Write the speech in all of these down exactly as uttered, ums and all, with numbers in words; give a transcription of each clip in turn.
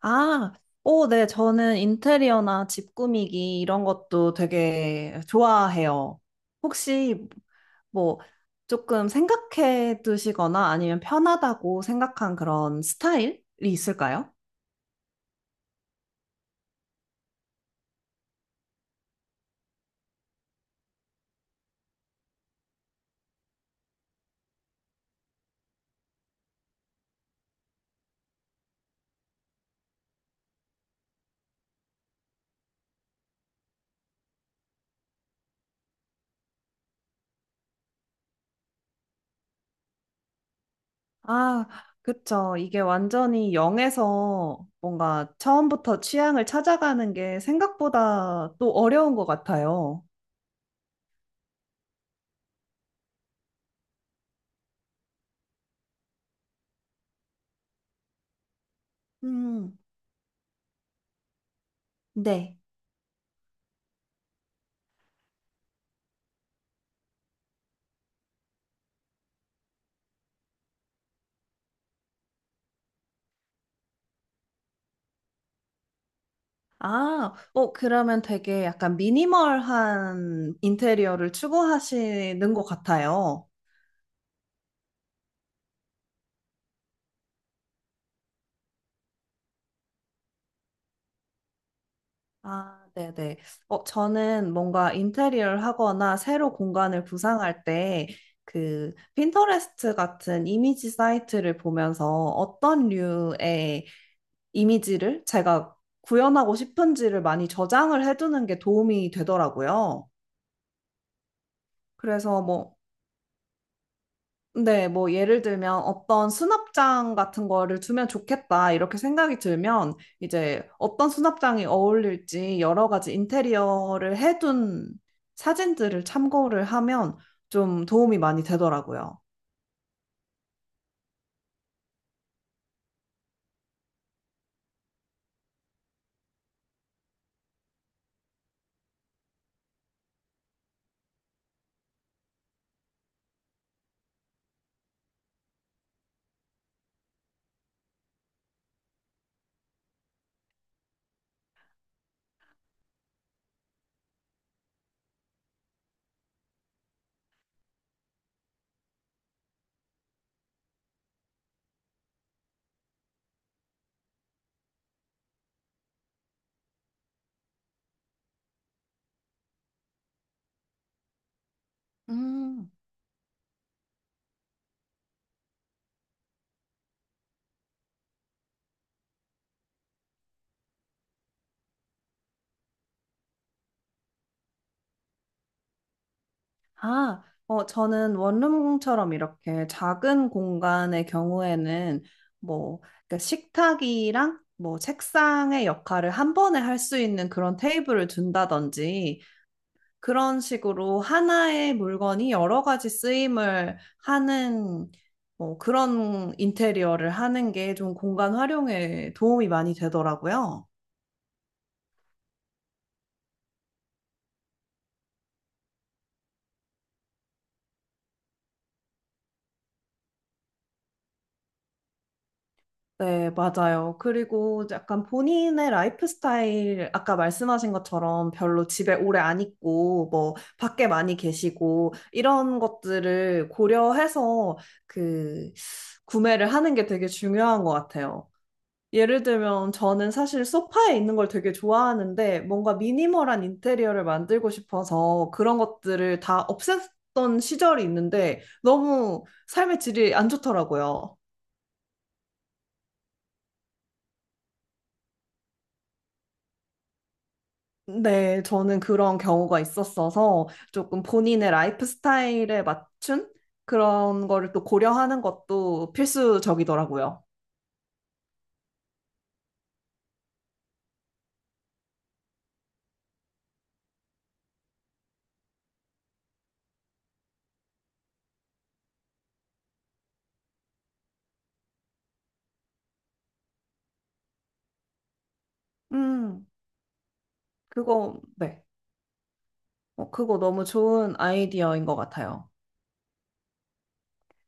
아, 오, 네, 저는 인테리어나 집 꾸미기 이런 것도 되게 좋아해요. 혹시 뭐 조금 생각해 두시거나 아니면 편하다고 생각한 그런 스타일이 있을까요? 아, 그쵸. 이게 완전히 영에서 뭔가 처음부터 취향을 찾아가는 게 생각보다 또 어려운 것 같아요. 음, 네. 아, 어, 그러면 되게 약간 미니멀한 인테리어를 추구하시는 것 같아요. 아, 네네. 어, 저는 뭔가 인테리어를 하거나 새로 공간을 구상할 때 그 핀터레스트 같은 이미지 사이트를 보면서 어떤 류의 이미지를 제가 구현하고 싶은지를 많이 저장을 해두는 게 도움이 되더라고요. 그래서 뭐 네, 뭐 예를 들면 어떤 수납장 같은 거를 두면 좋겠다 이렇게 생각이 들면 이제 어떤 수납장이 어울릴지 여러 가지 인테리어를 해둔 사진들을 참고를 하면 좀 도움이 많이 되더라고요. 음, 아, 어, 저는 원룸처럼 이렇게 작은 공간의 경우에는 뭐 그러니까 식탁이랑 뭐 책상의 역할을 한 번에 할 수 있는 그런 테이블을 둔다든지 그런 식으로 하나의 물건이 여러 가지 쓰임을 하는 어, 그런 인테리어를 하는 게 좀 공간 활용에 도움이 많이 되더라고요. 네, 맞아요. 그리고 약간 본인의 라이프 스타일, 아까 말씀하신 것처럼 별로 집에 오래 안 있고, 뭐, 밖에 많이 계시고, 이런 것들을 고려해서 그, 구매를 하는 게 되게 중요한 것 같아요. 예를 들면 저는 사실 소파에 있는 걸 되게 좋아하는데 뭔가 미니멀한 인테리어를 만들고 싶어서 그런 것들을 다 없앴던 시절이 있는데 너무 삶의 질이 안 좋더라고요. 네, 저는 그런 경우가 있었어서 조금 본인의 라이프 스타일에 맞춘 그런 거를 또 고려하는 것도 필수적이더라고요. 음, 그거, 네. 어, 그거 너무 좋은 아이디어인 것 같아요.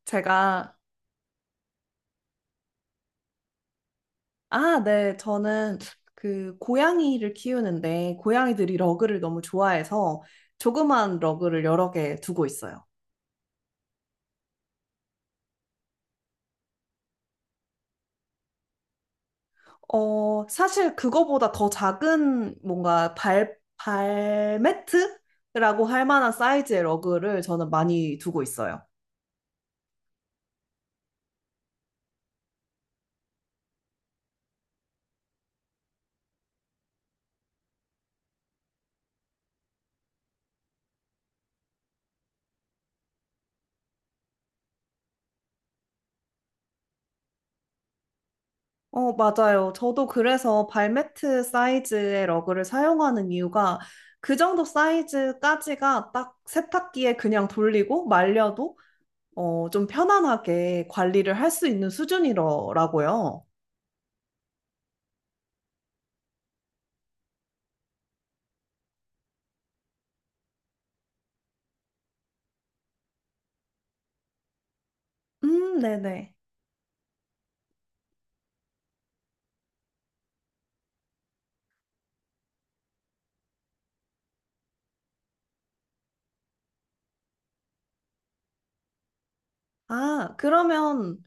제가 아, 네. 저는 그 고양이를 키우는데 고양이들이 러그를 너무 좋아해서 조그만 러그를 여러 개 두고 있어요. 어, 사실 그거보다 더 작은 뭔가 발, 발매트라고 할 만한 사이즈의 러그를 저는 많이 두고 있어요. 어, 맞아요. 저도 그래서 발매트 사이즈의 러그를 사용하는 이유가 그 정도 사이즈까지가 딱 세탁기에 그냥 돌리고 말려도 어, 좀 편안하게 관리를 할 수 있는 수준이더라고요. 음, 네네. 아, 그러면,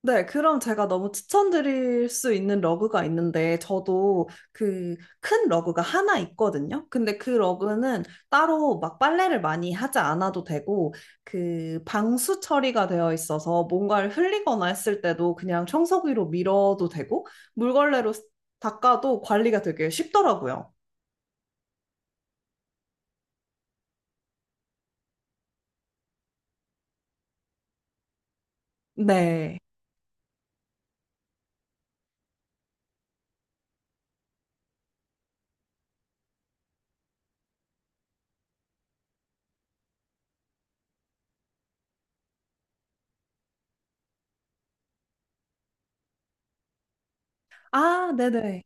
네, 그럼 제가 너무 추천드릴 수 있는 러그가 있는데, 저도 그 큰 러그가 하나 있거든요. 근데 그 러그는 따로 막 빨래를 많이 하지 않아도 되고, 그 방수 처리가 되어 있어서 뭔가를 흘리거나 했을 때도 그냥 청소기로 밀어도 되고, 물걸레로 닦아도 관리가 되게 쉽더라고요. 네. 아, 네네.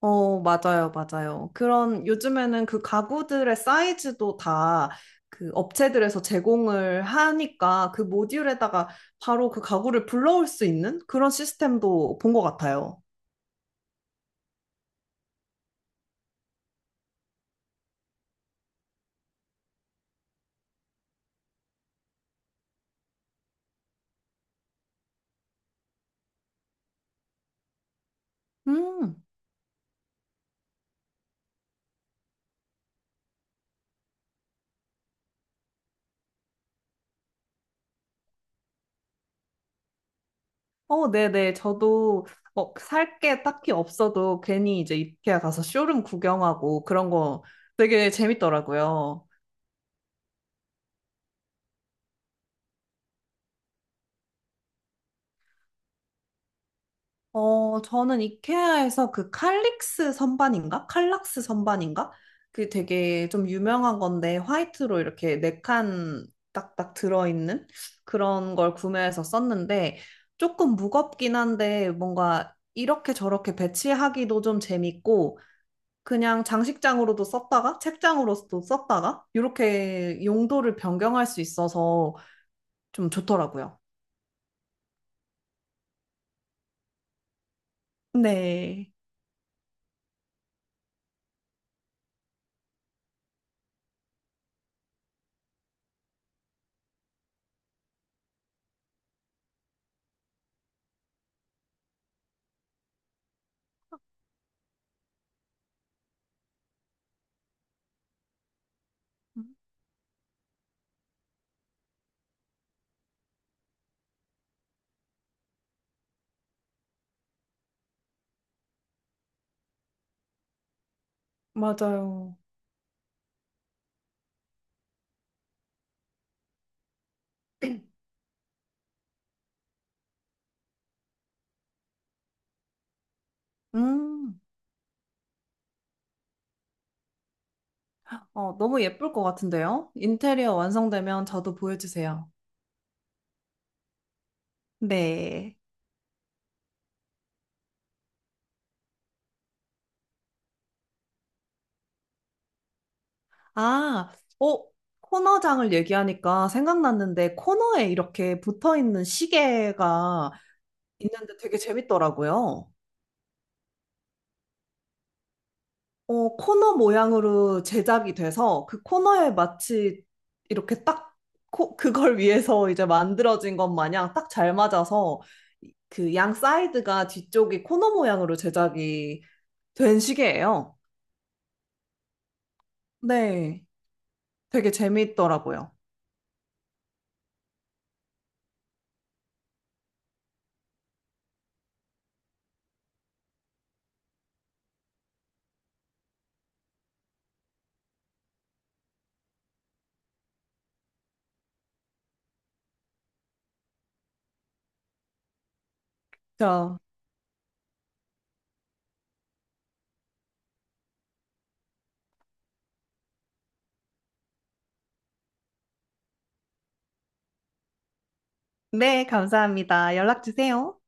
어, 맞아요, 맞아요. 그런, 요즘에는 그 가구들의 사이즈도 다 그 업체들에서 제공을 하니까 그 모듈에다가 바로 그 가구를 불러올 수 있는 그런 시스템도 본 것 같아요. 음, 어, 네네. 저도 뭐 살 게 딱히 없어도 괜히 이제 이케아 가서 쇼룸 구경하고 그런 거 되게 재밌더라고요. 어, 저는 이케아에서 그 칼릭스 선반인가? 칼락스 선반인가? 그 되게 좀 유명한 건데 화이트로 이렇게 네칸 딱딱 들어있는 그런 걸 구매해서 썼는데 조금 무겁긴 한데 뭔가 이렇게 저렇게 배치하기도 좀 재밌고 그냥 장식장으로도 썼다가 책장으로도 썼다가 이렇게 용도를 변경할 수 있어서 좀 좋더라고요. 네, 맞아요. 음. 어, 너무 예쁠 것 같은데요? 인테리어 완성되면 저도 보여주세요. 네. 아, 어, 코너장을 얘기하니까 생각났는데 코너에 이렇게 붙어 있는 시계가 있는데 되게 재밌더라고요. 어, 코너 모양으로 제작이 돼서 그 코너에 마치 이렇게 딱 코, 그걸 위해서 이제 만들어진 것 마냥 딱 잘 맞아서 그 양 사이드가 뒤쪽이 코너 모양으로 제작이 된 시계예요. 네. 되게 재미있더라고요. 저, 네, 감사합니다. 연락 주세요.